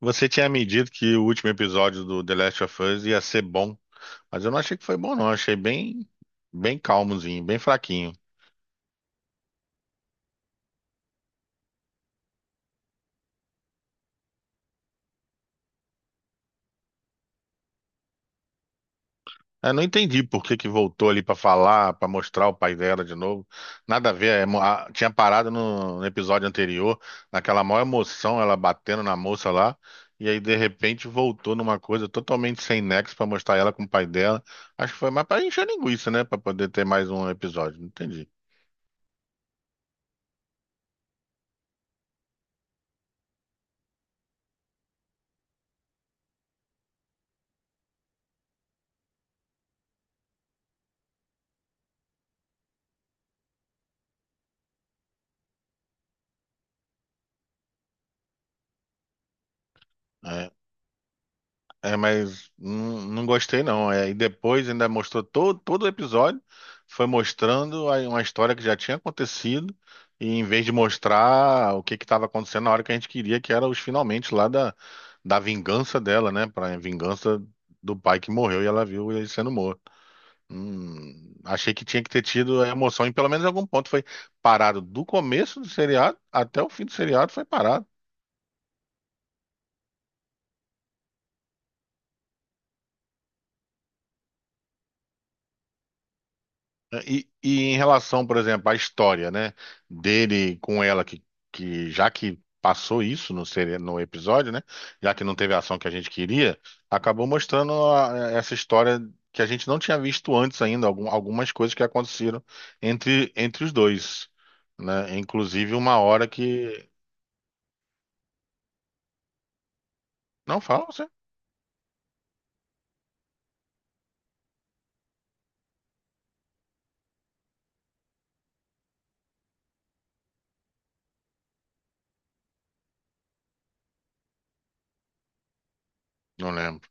Você tinha me dito que o último episódio do The Last of Us ia ser bom, mas eu não achei que foi bom, não. Achei bem calmozinho, bem fraquinho. Eu não entendi por que que voltou ali pra falar, pra mostrar o pai dela de novo. Nada a ver. Tinha parado no episódio anterior, naquela maior emoção, ela batendo na moça lá, e aí de repente voltou numa coisa totalmente sem nexo pra mostrar ela com o pai dela. Acho que foi mais pra encher linguiça, né? Pra poder ter mais um episódio. Não entendi. É, mas não gostei não. É, e depois ainda mostrou todo o episódio, foi mostrando aí uma história que já tinha acontecido, e em vez de mostrar o que que estava acontecendo na hora que a gente queria, que era os finalmente lá da vingança dela, né? Pra vingança do pai que morreu e ela viu ele sendo morto. Achei que tinha que ter tido a emoção, e pelo menos em algum ponto foi parado do começo do seriado até o fim do seriado foi parado. Né, e em relação, por exemplo, à história, né, dele com ela, que já que passou isso no episódio, né, já que não teve a ação que a gente queria, acabou mostrando essa história que a gente não tinha visto antes ainda, algumas coisas que aconteceram entre os dois, né, inclusive uma hora que... Não fala você? Não lembro.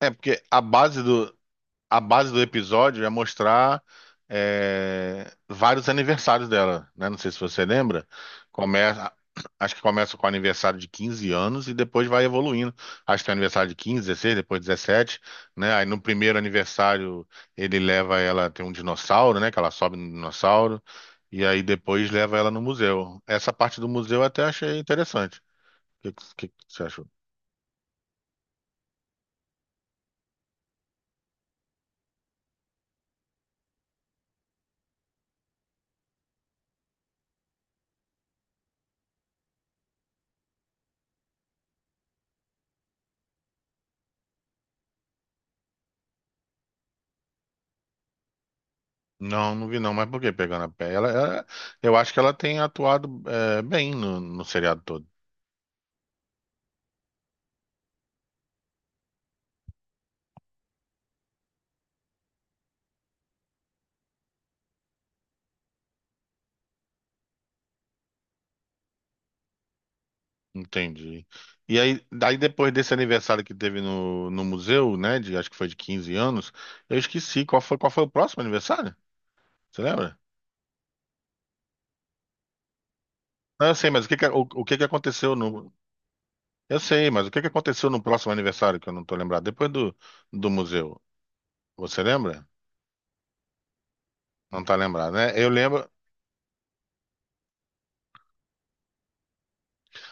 É porque a base a base do episódio é mostrar vários aniversários dela, né? Não sei se você lembra. Começa, acho que começa com o aniversário de 15 anos e depois vai evoluindo. Acho que tem aniversário de 15, 16, depois 17, né? Aí no primeiro aniversário ele leva ela, tem um dinossauro, né? Que ela sobe no dinossauro. E aí depois leva ela no museu. Essa parte do museu eu até achei interessante. O que, que você achou? Não vi não, mas por que pegando a pé? Eu acho que ela tem atuado bem no seriado todo. Entendi. E aí, daí depois desse aniversário que teve no museu, né? De, acho que foi de 15 anos, eu esqueci qual foi o próximo aniversário? Você lembra? Não, eu sei, mas o que que, o que que aconteceu no. Eu sei, mas o que que aconteceu no próximo aniversário que eu não tô lembrado? Do museu. Você lembra? Não tá lembrado, né? Eu lembro,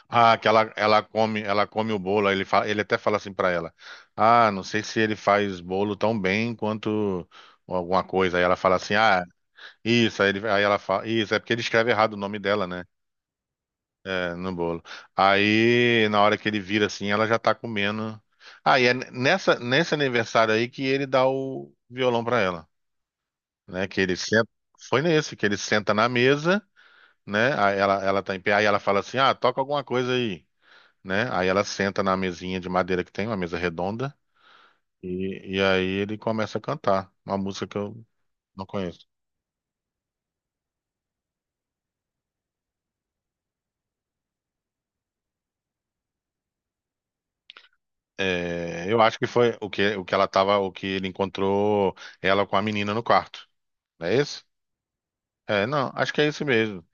Ah, que ela come o bolo. Aí ele fala, ele até fala assim pra ela: Ah, não sei se ele faz bolo tão bem quanto alguma coisa. Aí ela fala assim: isso. Aí ela fala: Isso é porque ele escreve errado o nome dela, né? É, no bolo. Aí na hora que ele vira assim, ela já tá comendo. Ah, e é nessa nesse aniversário aí que ele dá o violão pra ela, né? Que ele senta, foi nesse que ele senta na mesa, né? Aí ela tá em pé, aí ela fala assim: Ah, toca alguma coisa aí né? Aí ela senta na mesinha de madeira que tem, uma mesa redonda, e aí ele começa a cantar uma música que eu não conheço. É, eu acho que foi o que ela tava, o que ele encontrou ela com a menina no quarto. Não é esse? É, não, acho que é esse mesmo.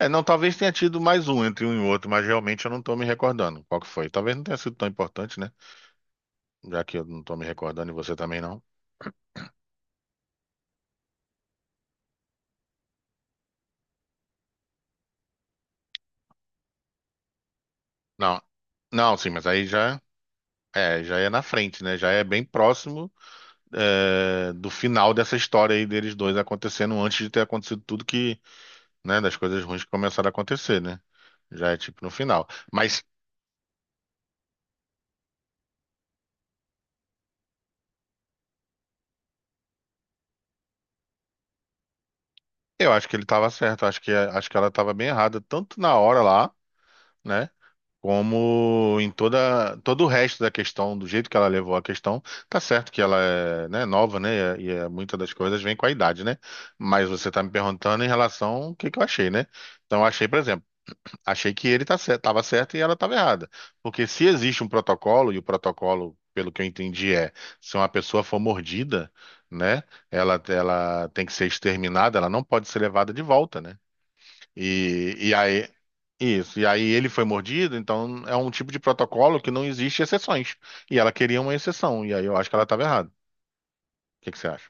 É, não, talvez tenha tido mais um entre um e outro, mas realmente eu não tô me recordando qual que foi. Talvez não tenha sido tão importante, né? Já que eu não tô me recordando e você também não. Não, não, sim, mas aí já já é na frente, né? Já é bem próximo do final dessa história aí deles dois acontecendo antes de ter acontecido tudo que, né, das coisas ruins que começaram a acontecer, né? Já é tipo no final. Mas eu acho que ele tava certo, acho que ela tava bem errada, tanto na hora lá, né? Como em toda todo o resto da questão, do jeito que ela levou a questão, tá certo que ela é, né, nova, né? Muitas das coisas vêm com a idade, né? Mas você tá me perguntando em relação ao que eu achei, né? Então eu achei, por exemplo, achei que tava certo e ela estava errada. Porque se existe um protocolo, e o protocolo, pelo que eu entendi, é se uma pessoa for mordida, né, ela tem que ser exterminada, ela não pode ser levada de volta, né? E, e aí, isso, e aí ele foi mordido, então é um tipo de protocolo que não existe exceções. E ela queria uma exceção, e aí eu acho que ela estava errada. O que que você acha?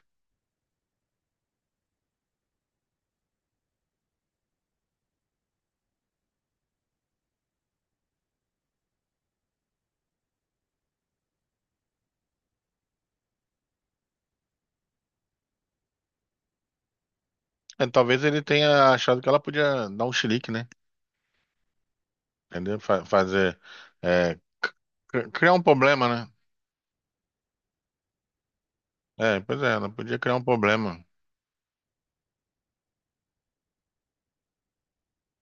É, talvez ele tenha achado que ela podia dar um chilique, né? Entendeu? Fazer. é, c- criar um problema, né? É, pois é, ela podia criar um problema.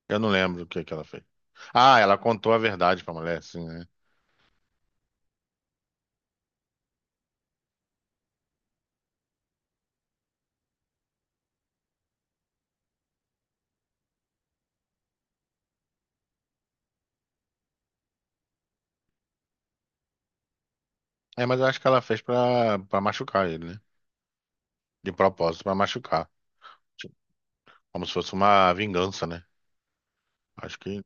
Eu não lembro o que que ela fez. Ah, ela contou a verdade pra mulher, sim, né? É, mas eu acho que ela fez pra machucar ele, né? De propósito, pra machucar. Tipo, como se fosse uma vingança, né? Acho que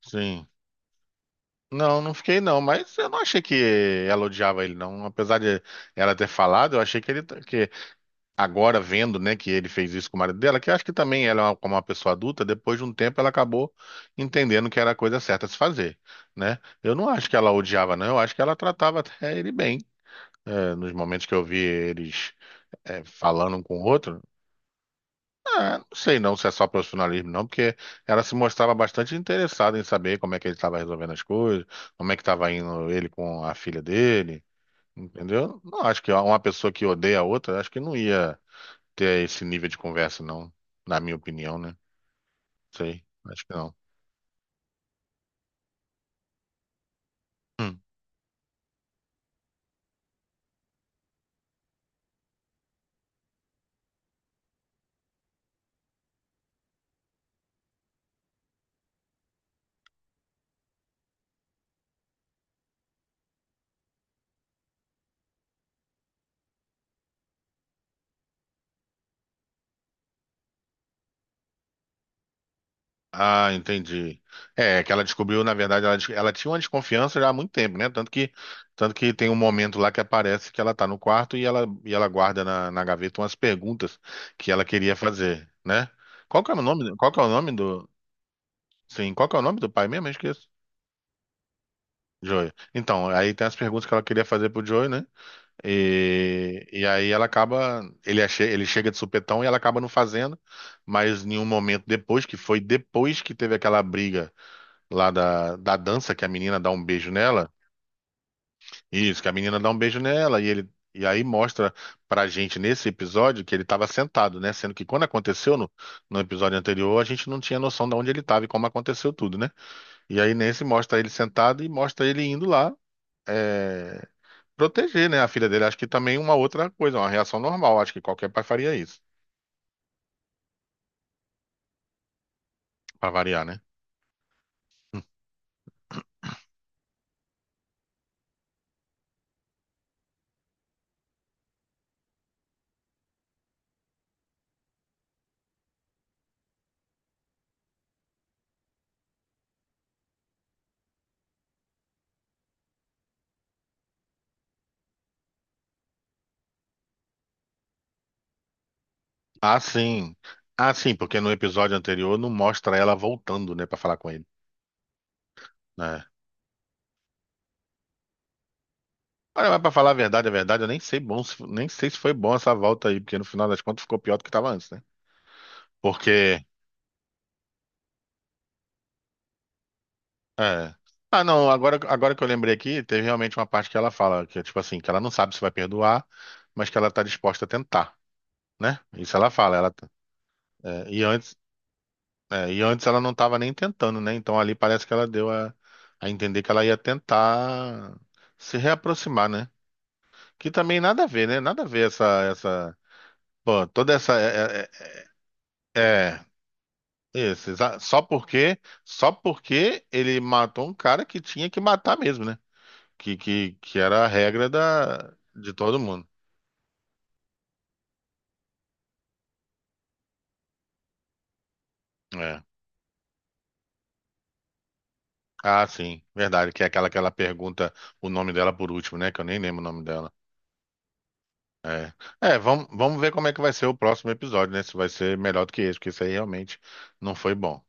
sim. Não fiquei não, mas eu não achei que ela odiava ele, não. Apesar de ela ter falado, eu achei que que agora vendo, né, que ele fez isso com o marido dela, que eu acho que também como uma pessoa adulta, depois de um tempo ela acabou entendendo que era a coisa certa a se fazer, né? Eu não acho que ela odiava, não, eu acho que ela tratava até ele bem. Nos momentos que eu vi eles falando um com o outro, eu não sei não se é só profissionalismo, não, porque ela se mostrava bastante interessada em saber como é que ele estava resolvendo as coisas, como é que estava indo ele com a filha dele, entendeu? Não acho que uma pessoa que odeia a outra, acho que não ia ter esse nível de conversa, não. Na minha opinião, né? Sei, acho que não. Hum. Ah, entendi. É, é que ela descobriu, na verdade, ela tinha uma desconfiança já há muito tempo, né? Tanto que tem um momento lá que aparece que ela tá no quarto e ela guarda na gaveta umas perguntas que ela queria fazer, né? Qual que é o nome do, sim, qual que é o nome do pai mesmo? Eu esqueço. Joey. Então, aí tem as perguntas que ela queria fazer pro Joey, né? E aí ela acaba, ele chega de supetão e ela acaba não fazendo, mas em um momento depois, que foi depois que teve aquela briga lá da dança, que a menina dá um beijo nela, isso, que a menina dá um beijo nela, e aí mostra pra gente nesse episódio que ele tava sentado, né? Sendo que quando aconteceu no episódio anterior, a gente não tinha noção de onde ele tava e como aconteceu tudo, né? E aí nesse mostra ele sentado e mostra ele indo lá. eh, Proteger, né, a filha dele. Acho que também uma outra coisa, uma reação normal. Acho que qualquer pai faria isso, pra variar, né? Ah, sim. Ah, sim, porque no episódio anterior não mostra ela voltando, né, pra falar com ele. Né? Olha, mas pra falar a verdade, eu nem sei bom, se- nem sei se foi bom essa volta aí, porque no final das contas ficou pior do que tava antes, né? Porque, é. Ah, não, agora que eu lembrei aqui, teve realmente uma parte que ela fala, que é tipo assim, que ela não sabe se vai perdoar, mas que ela tá disposta a tentar, né? Isso ela fala, ela, tá, é, e antes É, e antes ela não estava nem tentando, né? Então ali parece que ela deu a entender que ela ia tentar se reaproximar, né? Que também nada a ver, né? Nada a ver essa, pô, toda essa, é, é- é, isso, só porque ele matou um cara que tinha que matar mesmo, né? Que era a regra da, de todo mundo. É. Ah, sim, verdade, que é aquela que ela pergunta o nome dela por último, né? Que eu nem lembro o nome dela. É, é vamos ver como é que vai ser o próximo episódio, né? Se vai ser melhor do que esse, porque esse aí realmente não foi bom.